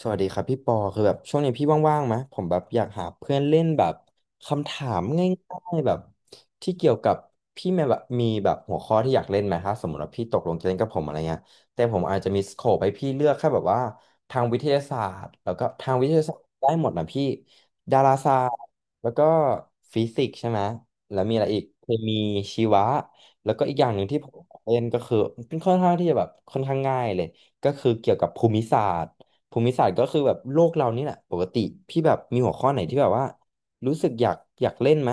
สวัสดีครับพี่ปอคือแบบช่วงนี้พี่ว่างๆไหมผมแบบอยากหาเพื่อนเล่นแบบคำถามง่ายๆแบบที่เกี่ยวกับพี่แม่แบบมีแบบหัวข้อที่อยากเล่นไหมถ้าสมมติว่าพี่ตกลงจะเล่นกับผมอะไรเงี้ยแต่ผมอาจจะมีสโคปให้พี่เลือกแค่แบบว่าทางวิทยาศาสตร์แล้วก็ทางวิทยาศาสตร์ได้หมดนะพี่ดาราศาสตร์แล้วก็ฟิสิกส์ใช่ไหมแล้วมีอะไรอีกเคมีชีวะแล้วก็อีกอย่างหนึ่งที่ผมเล่นก็คือเป็นค่อนข้างที่จะแบบค่อนข้างง่ายเลยก็คือเกี่ยวกับภูมิศาสตร์ ภูมิศาสตร์ก็คือแบบโลกเรานี่แหละปกติพี่แบบมีหัวข้อไหนที่แบบว่ารู้สึกอยากเล่นไหม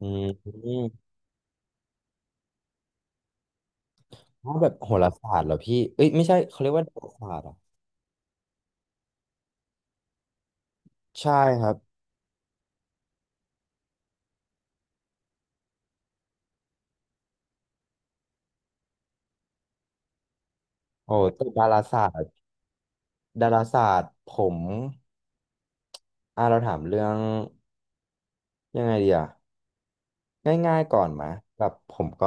อืมถ้าแบบโหราศาสตร์เหรอพี่เอ้ยไม่ใช่เขาเรียกว่าดาราศาสตร์เหรอใช่ครับโอ้ตึกดาราศาสตร์ดาราศาสตร์ผมเราถามเรื่องยังไงดีอะ ง่ายๆก่อนมาแบบผมก็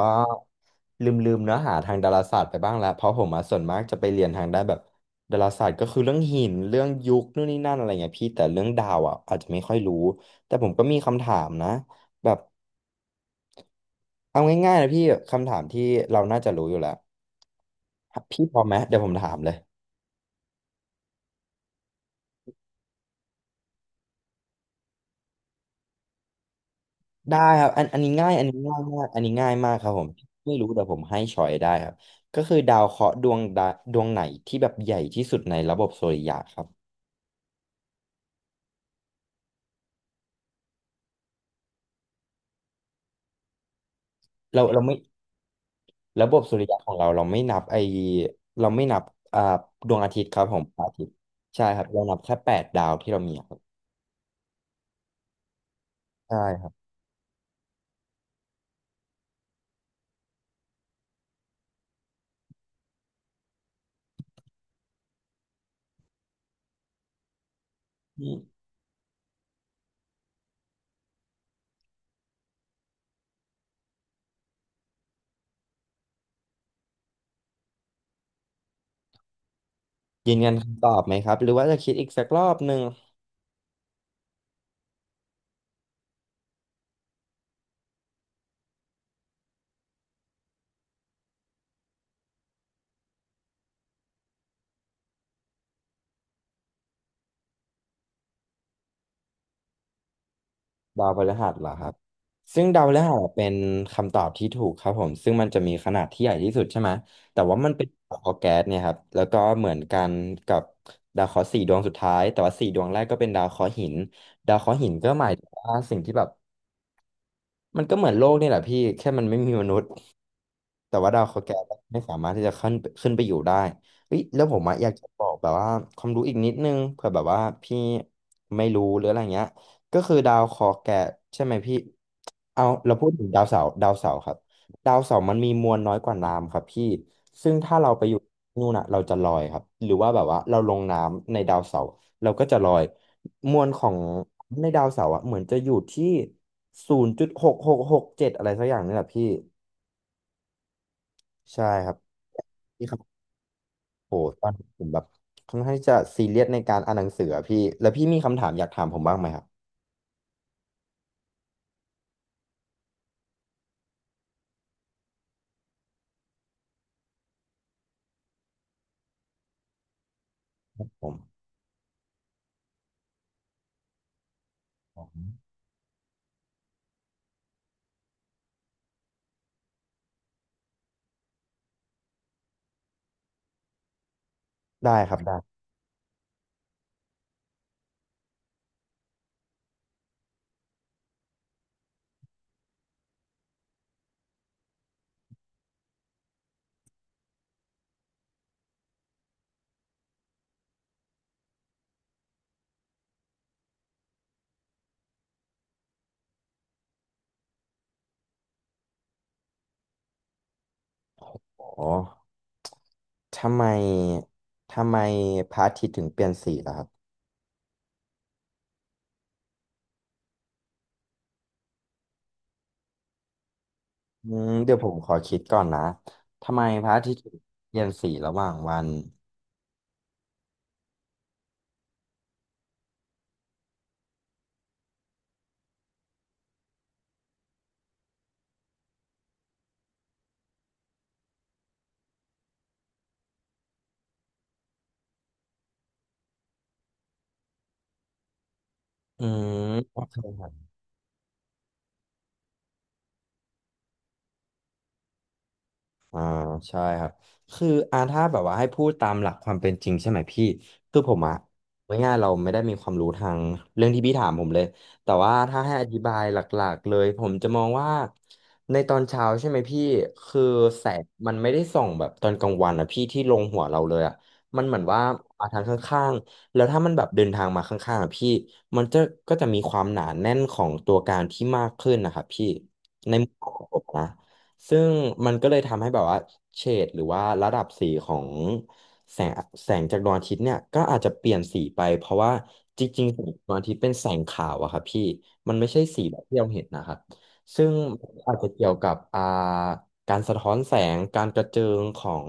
ลืมๆเนื้อหาทางดาราศาสตร์ไปบ้างแล้วเพราะผมมาส่วนมากจะไปเรียนทางด้านแบบดาราศาสตร์ก็คือเรื่องหินเรื่องยุคนู่นนี่นั่นอะไรเงี้ยพี่แต่เรื่องดาวอ่ะอาจจะไม่ค่อยรู้แต่ผมก็มีคำถามนะแบบเอาง่ายๆนะพี่คำถามที่เราน่าจะรู้อยู่แล้วพี่พร้อมไหมเดี๋ยวผมถามเลยได้ครับอันนี้ง่ายอันนี้ง่ายมากอันนี้ง่ายมากครับผมไม่รู้แต่ผมให้ชอยได้ครับก็คือดาวเคราะห์ดวงใดดวงไหนที่แบบใหญ่ที่สุดในระบบสุริยะครับเราไม่ ระบบสุริยะของเราเราไม่นับไอเราไม่นับอ่าดวงอาทิตย์ครับผมพระอาทิตย์ใช่ครับเรานับแค่8 ดาวที่เรามีครับใช่ครับอืมยืนยันคำตอบไหมครับหรือว่าจะคิดอีกสักรอบหนึ่งดาวพฤหัสเหรอครับซึ่งดาวพฤหัสเป็นคำตอบที่ถูกครับผมซึ่งมันจะมีขนาดที่ใหญ่ที่สุดใช่ไหมแต่ว่ามันเป็นดาวเคราะห์แก๊สเนี่ยครับแล้วก็เหมือนกันกับดาวเคราะห์4 ดวงสุดท้ายแต่ว่า4 ดวงแรกก็เป็นดาวเคราะห์หินดาวเคราะห์หินก็หมายถึงว่าสิ่งที่แบบมันก็เหมือนโลกนี่แหละพี่แค่มันไม่มีมนุษย์ แต่ว่าดาวเคราะห์แก้วไม่สามารถที่จะขึ้นไปอยู่ได้เฮ้ยแล้วผมอะอยากจะบอกแบบว่าความรู้อีกนิดนึงเผื่อแบบว่าพี่ไม่รู้หรืออะไรเงี้ยก็คือดาวเคราะห์แก้ใช่ไหมพี่เอาเราพูดถึงดาวเสาร์ดาวเสาร์ครับดาวเสาร์มันมีมวลน้อยกว่าน้ำครับพี่ซึ่งถ้าเราไปอยู่นู่นน่ะเราจะลอยครับหรือว่าแบบว่าเราลงน้ำในดาวเสาร์เราก็จะลอยมวลของในดาวเสาร์อะเหมือนจะอยู่ที่0.6667อะไรสักอย่างนี่แหละพี่ ใช่ครับพี่ครับโหตอนนี้ผมแบบค่อนข้างที่จะซีเรียสในการอ่านหนังสืออะพี่แล้วพี่มีคำถามอยากถามผมบ้างไหมครับผมผมได้ครับได้อ๋อทำไมทำไมพระอาทิตย์ถึงเปลี่ยนสีล่ะครับเดี๋ยวผมขอคิดก่อนนะทำไมพระอาทิตย์ถึงเปลี่ยนสีระหว่างวันอืมโอเค อ่าใช่ครับคือถ้าแบบว่าให้พูดตามหลักความเป็นจริงใช่ไหมพี่คือผมอะง่ายๆเราไม่ได้มีความรู้ทางเรื่องที่พี่ถามผมเลยแต่ว่าถ้าให้อธิบายหลักๆเลยผมจะมองว่าในตอนเช้าใช่ไหมพี่คือแสงมันไม่ได้ส่องแบบตอนกลางวันอะพี่ที่ลงหัวเราเลยอะมันเหมือนว่ามาทางข้างๆแล้วถ้ามันแบบเดินทางมาข้างๆอะพี่มันจะก็จะมีความหนาแน่นของตัวการที่มากขึ้นนะครับพี่ในมุมของผมนะ ซึ่งมันก็เลยทำให้แบบว่าเฉดหรือว่าระดับสีของแสงแสงจากดวงอาทิตย์เนี่ยก็อาจจะเปลี่ยนสีไปเพราะว่าจริงๆแสงดวงอาทิตย์เป็นแสงขาวอะครับพี่มันไม่ใช่สีแบบที่เราเห็นนะครับซึ่งอาจจะเกี่ยวกับการสะท้อนแสงการกระเจิงของ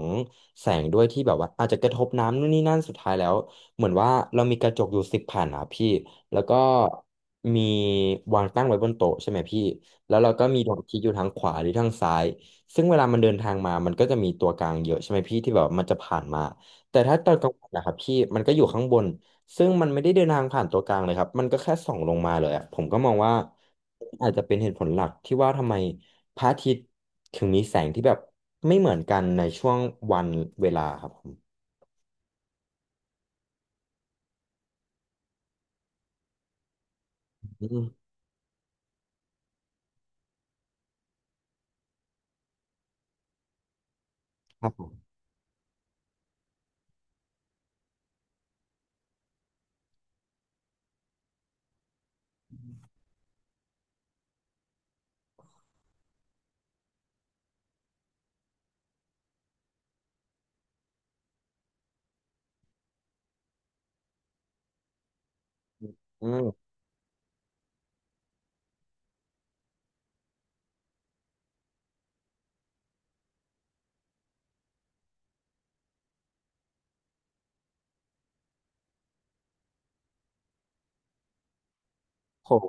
แสงด้วยที่แบบว่าอาจจะกระทบน้ำนู่นนี่นั่นสุดท้ายแล้วเหมือนว่าเรามีกระจกอยู่10 แผ่นอะพี่แล้วก็มีวางตั้งไว้บนโต๊ะใช่ไหมพี่ แล้วเราก็มีดอกคิกอยู่ทางขวาหรือทางซ้ายซึ่งเวลามันเดินทางมามันก็จะมีตัวกลางเยอะใช่ไหมพี่ที่แบบมันจะผ่านมาแต่ถ้าตอนกลางวันนะครับพี่มันก็อยู่ข้างบนซึ่งมันไม่ได้เดินทางผ่านตัวกลางเลยครับมันก็แค่ส่องลงมาเลยอะผมก็มองว่าอาจจะเป็นเหตุผลหลักที่ว่าทำไมพระอาทิตย์ถึงมีแสงที่แบบไม่เหมือนกันในช่วงวันเวลาครับผมอืมครับผมอืมผม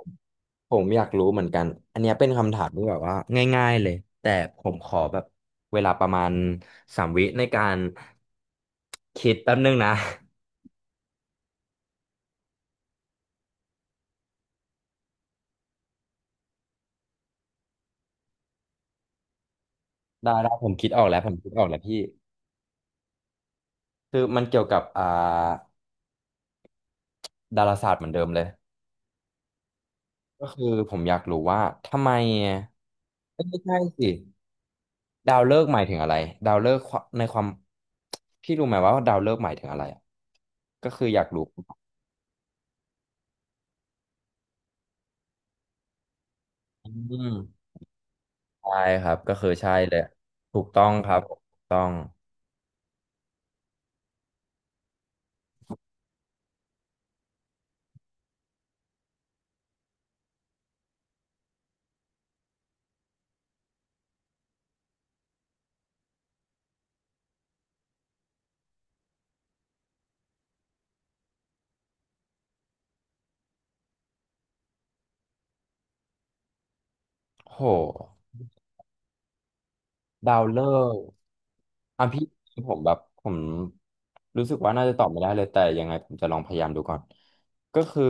ผมอยากรู้เหมือนกันอันเนี้ยเป็นคำถามที่แบบว่าง่ายๆเลยแต่ผมขอแบบเวลาประมาณ3 วิในการคิดแป๊บนึงนะ ได้ได้ผมคิดออกแล้วผมคิดออกแล้วพี่คือมันเกี่ยวกับดาราศาสตร์เหมือนเดิมเลยก็คือผมอยากรู้ว่าทำไมเอ้ยไม่ใช่สิดาวฤกษ์หมายถึงอะไรดาวฤกษ์ควในความพี่รู้ไหมว่าดาวฤกษ์หมายถึงอะไรอะก็คืออยากรู้อืม ใช่ครับก็คือใช่เลยถูกต้องครับถูกต้องโหดาวฤกษ์อ่ะพี่ผมแบบผมรู้สึกว่าน่าจะตอบไม่ได้เลยแต่ยังไงผมจะลองพยายามดูก่อนก็คือ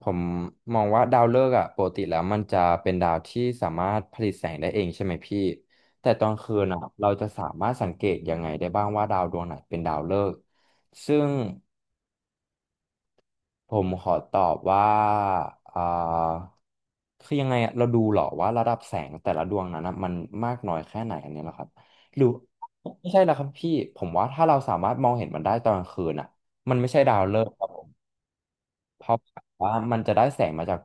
ผมมองว่าดาวฤกษ์อ่ะปกติแล้วมันจะเป็นดาวที่สามารถผลิตแสงได้เองใช่ไหมพี่แต่ตอนคืนอ่ะเราจะสามารถสังเกตยังไงได้บ้างว่าดาวดวงไหนเป็นดาวฤกษ์ซึ่ง ผมขอตอบว่าอ่าคือยังไงอะเราดูเหรอว่าระดับแสงแต่ละดวงนั้นนะมันมากน้อยแค่ไหนอันนี้เหรอครับหรือไม่ใช่แล้วครับพี่ผมว่าถ้าเราสามารถมองเห็นมันได้ตอนกลางคืนอ่ะมันไม่ใช่ดาวฤกษ์ครับผมเพราะว่ามันจะได้แสงมาจาก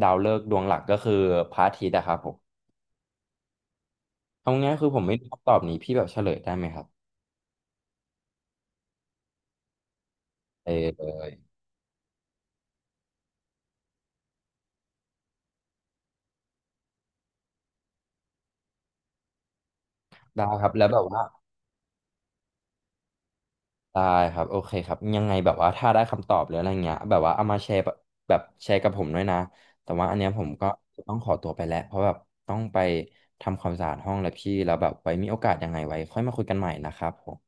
ดาวฤกษ์ดวงหลักก็คือพระอาทิตย์อะครับผมเอาง่ายๆคือผมไม่รู้คำตอบนี้พี่แบบเฉลยได้ไหมครับเออเลยได้ครับแล้วแบบว่า ได้ครับโอเคครับยังไงแบบว่าถ้าได้คำตอบหรืออะไรเงี้ยแบบว่าเอามาแชร์แบบแชร์กับผมด้วยนะแต่ว่าอันเนี้ยผมก็ต้องขอตัวไปแล้วเพราะแบบต้องไปทำความสะอาดห้องแล้วพี่แล้วแบบไว้มีโอกาสยังไงไว้ค่อยมาคุยกันใหม่นะครับผม